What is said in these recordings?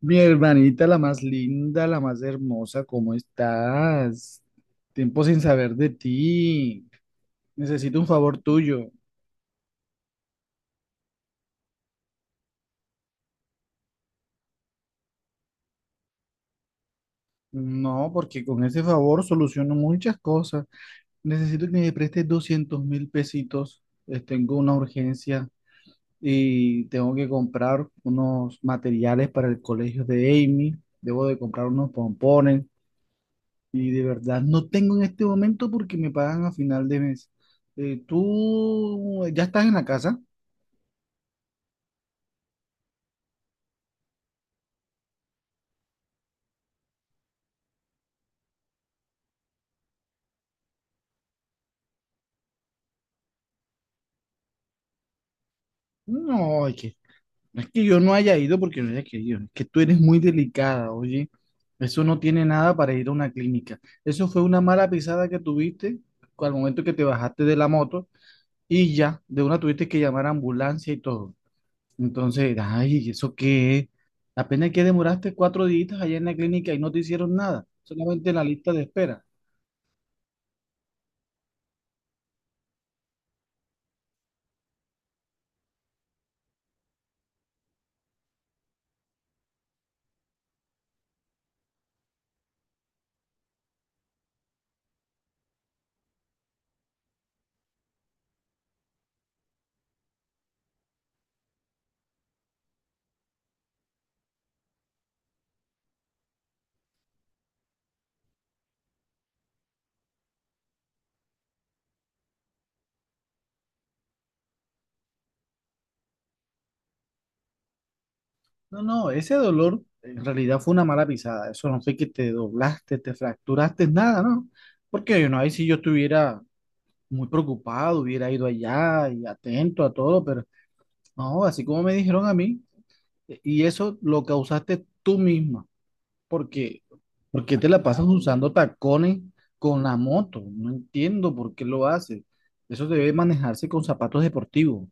Mi hermanita, la más linda, la más hermosa, ¿cómo estás? Tiempo sin saber de ti. Necesito un favor tuyo. No, porque con ese favor soluciono muchas cosas. Necesito que me prestes 200.000 pesitos. Tengo una urgencia y tengo que comprar unos materiales para el colegio de Amy. Debo de comprar unos pompones y de verdad no tengo en este momento porque me pagan a final de mes. ¿Tú ya estás en la casa? No, no es que yo no haya ido porque no haya querido, es que tú eres muy delicada, oye. Eso no tiene nada para ir a una clínica. Eso fue una mala pisada que tuviste al momento que te bajaste de la moto y ya, de una tuviste que llamar a ambulancia y todo. Entonces, ay, ¿eso qué es? Apenas que demoraste 4 días allá en la clínica y no te hicieron nada, solamente la lista de espera. No, no, ese dolor en realidad fue una mala pisada. Eso no fue que te doblaste, te fracturaste, nada, ¿no? Porque, no ahí si yo estuviera muy preocupado, hubiera ido allá y atento a todo, pero no, así como me dijeron a mí, y eso lo causaste tú misma. Porque, porque te la pasas usando tacones con la moto. No entiendo por qué lo haces. Eso debe manejarse con zapatos deportivos.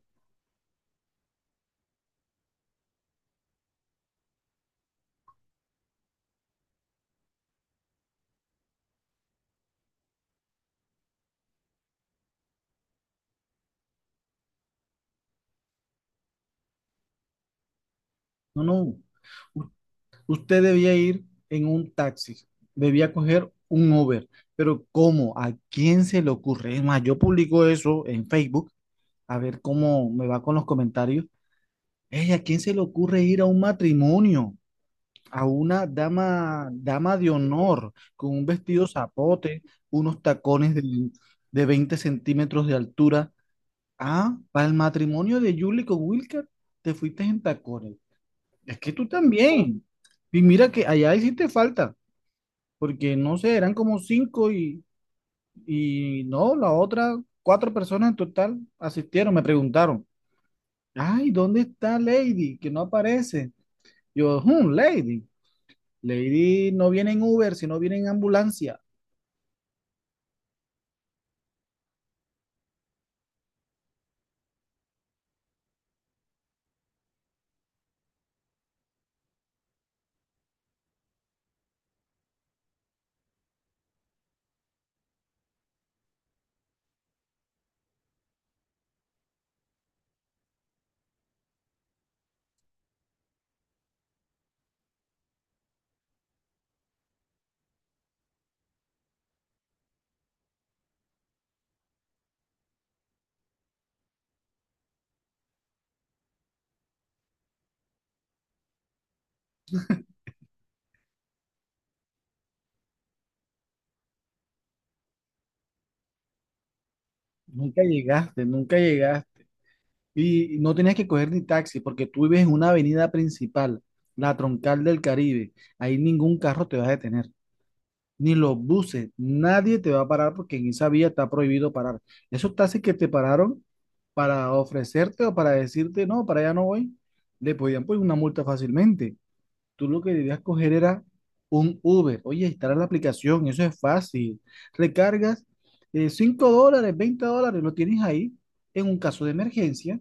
No, no. Usted debía ir en un taxi, debía coger un Uber, pero ¿cómo? ¿A quién se le ocurre? Es más, yo publico eso en Facebook, a ver cómo me va con los comentarios. Ey, ¿a quién se le ocurre ir a un matrimonio? A una dama, dama de honor, con un vestido zapote, unos tacones de 20 centímetros de altura. Ah, para el matrimonio de Julie con Wilker, te fuiste en tacones. Es que tú también. Y mira que allá hiciste falta porque no sé, eran como cinco y no, la otra, cuatro personas en total asistieron, me preguntaron, ay, ¿dónde está Lady? Que no aparece. Yo, "Hmm, Lady, Lady no viene en Uber, sino viene en ambulancia." Nunca llegaste, nunca llegaste. Y no tenías que coger ni taxi porque tú vives en una avenida principal, la troncal del Caribe. Ahí ningún carro te va a detener. Ni los buses, nadie te va a parar porque en esa vía está prohibido parar. Esos taxis que te pararon para ofrecerte o para decirte, no, para allá no voy, le podían poner una multa fácilmente. Tú lo que debías coger era un Uber. Oye, instala la aplicación, eso es fácil. Recargas $5, $20, lo tienes ahí en un caso de emergencia,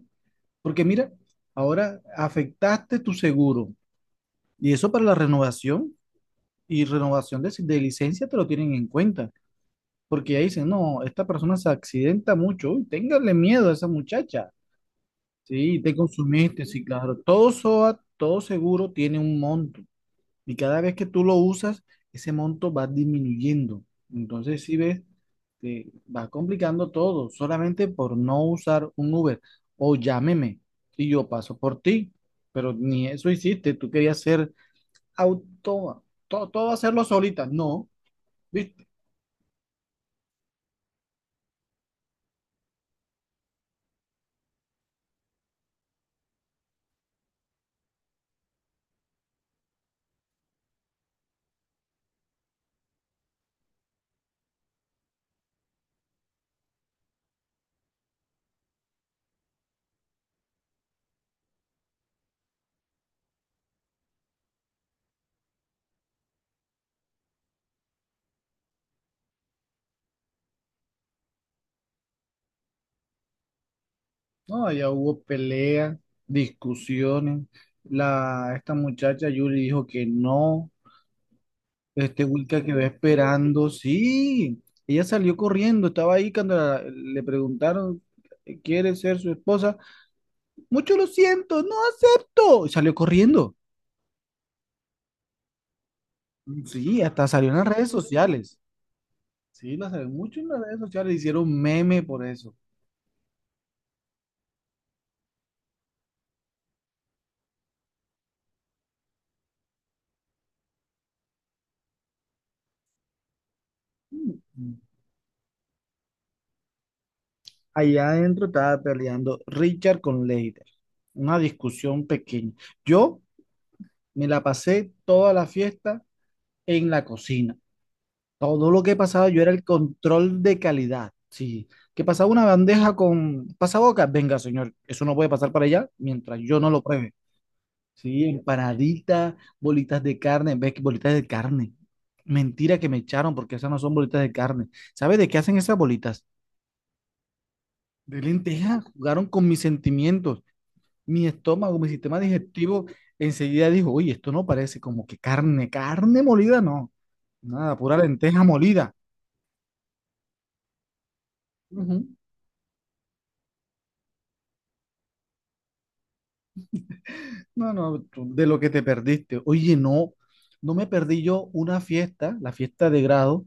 porque mira, ahora afectaste tu seguro y eso para la renovación y renovación de licencia te lo tienen en cuenta porque ya dicen, no, esta persona se accidenta mucho, uy, téngale miedo a esa muchacha. Sí, te consumiste, sí, claro. Todo SOAT, todo seguro tiene un monto y cada vez que tú lo usas, ese monto va disminuyendo. Entonces, si ves, te va complicando todo, solamente por no usar un Uber o llámeme y yo paso por ti, pero ni eso hiciste, tú querías ser auto, todo, todo hacerlo solita, no. ¿Viste? No, ya hubo peleas, discusiones. La, esta muchacha Yuri dijo que no. Este Wilka quedó esperando. Sí, ella salió corriendo. Estaba ahí cuando le preguntaron, ¿quiere ser su esposa? Mucho lo siento, no acepto. Y salió corriendo. Sí, hasta salió en las redes sociales. Sí, la salió mucho en las redes sociales. Hicieron meme por eso. Mm. Allá adentro estaba peleando Richard con Leiter. Una discusión pequeña. Yo. Me la pasé toda la fiesta en la cocina. Todo lo que pasaba, yo era el control de calidad. Sí, que pasaba una bandeja con pasabocas. Venga, señor, eso no puede pasar para allá mientras yo no lo pruebe. Sí, empanaditas, bolitas de carne. ¿Ves que bolitas de carne? Mentira que me echaron porque esas no son bolitas de carne. ¿Sabes de qué hacen esas bolitas? De lenteja. Jugaron con mis sentimientos, mi estómago, mi sistema digestivo. Enseguida dijo, oye, esto no parece como que carne, carne molida, no. Nada, pura lenteja molida. Ujú. No, no, de lo que te perdiste. Oye, no, no me perdí yo una fiesta, la fiesta de grado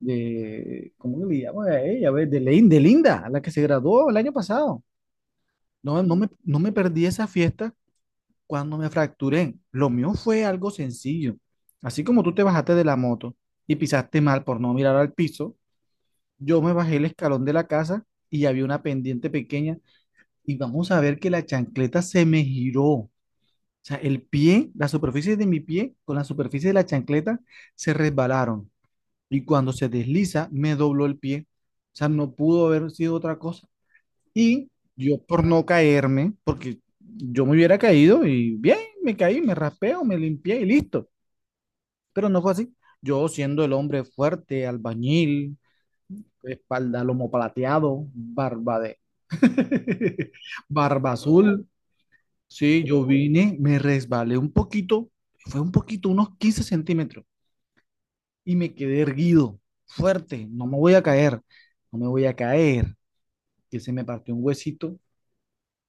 de, ¿cómo que le llaman a ella? A ver, de Linda, la que se graduó el año pasado. No, no me perdí esa fiesta cuando me fracturé. Lo mío fue algo sencillo. Así como tú te bajaste de la moto y pisaste mal por no mirar al piso, yo me bajé el escalón de la casa y había una pendiente pequeña y vamos a ver que la chancleta se me giró. O sea, el pie, la superficie de mi pie con la superficie de la chancleta se resbalaron. Y cuando se desliza, me dobló el pie. O sea, no pudo haber sido otra cosa. Y yo por no caerme, porque yo me hubiera caído y bien, me caí, me raspeo, me limpié y listo. Pero no fue así. Yo siendo el hombre fuerte, albañil, espalda lomo plateado, barba de... barba azul. Sí, yo vine, me resbalé un poquito, fue un poquito, unos 15 centímetros, y me quedé erguido, fuerte, no me voy a caer, no me voy a caer, que se me partió un huesito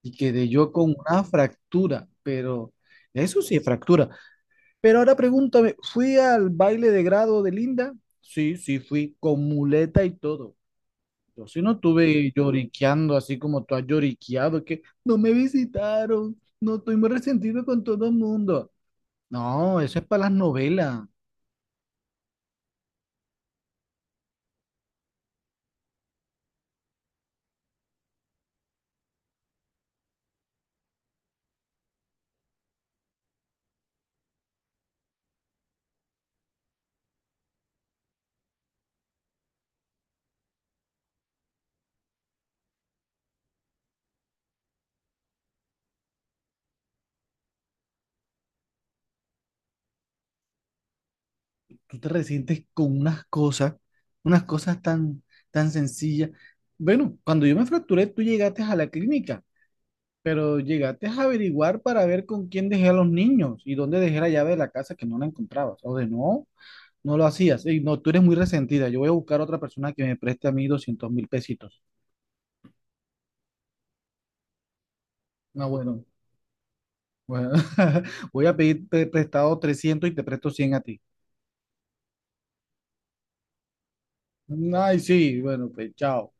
y quedé yo con una fractura, pero eso sí es fractura. Pero ahora pregúntame, ¿fui al baile de grado de Linda? Sí, sí, fui con muleta y todo. Yo sí no estuve lloriqueando así como tú has lloriqueado, que no me visitaron, no estoy muy resentido con todo el mundo. No, eso es para las novelas. Tú te resientes con unas cosas tan, tan sencillas. Bueno, cuando yo me fracturé, tú llegaste a la clínica, pero llegaste a averiguar para ver con quién dejé a los niños y dónde dejé la llave de la casa que no la encontrabas. O de no, no lo hacías. Ey, no, tú eres muy resentida. Yo voy a buscar a otra persona que me preste a mí 200.000 pesitos. No, bueno, bueno. Voy a pedir prestado 300 y te presto 100 a ti. Ay, sí, bueno, pues chao.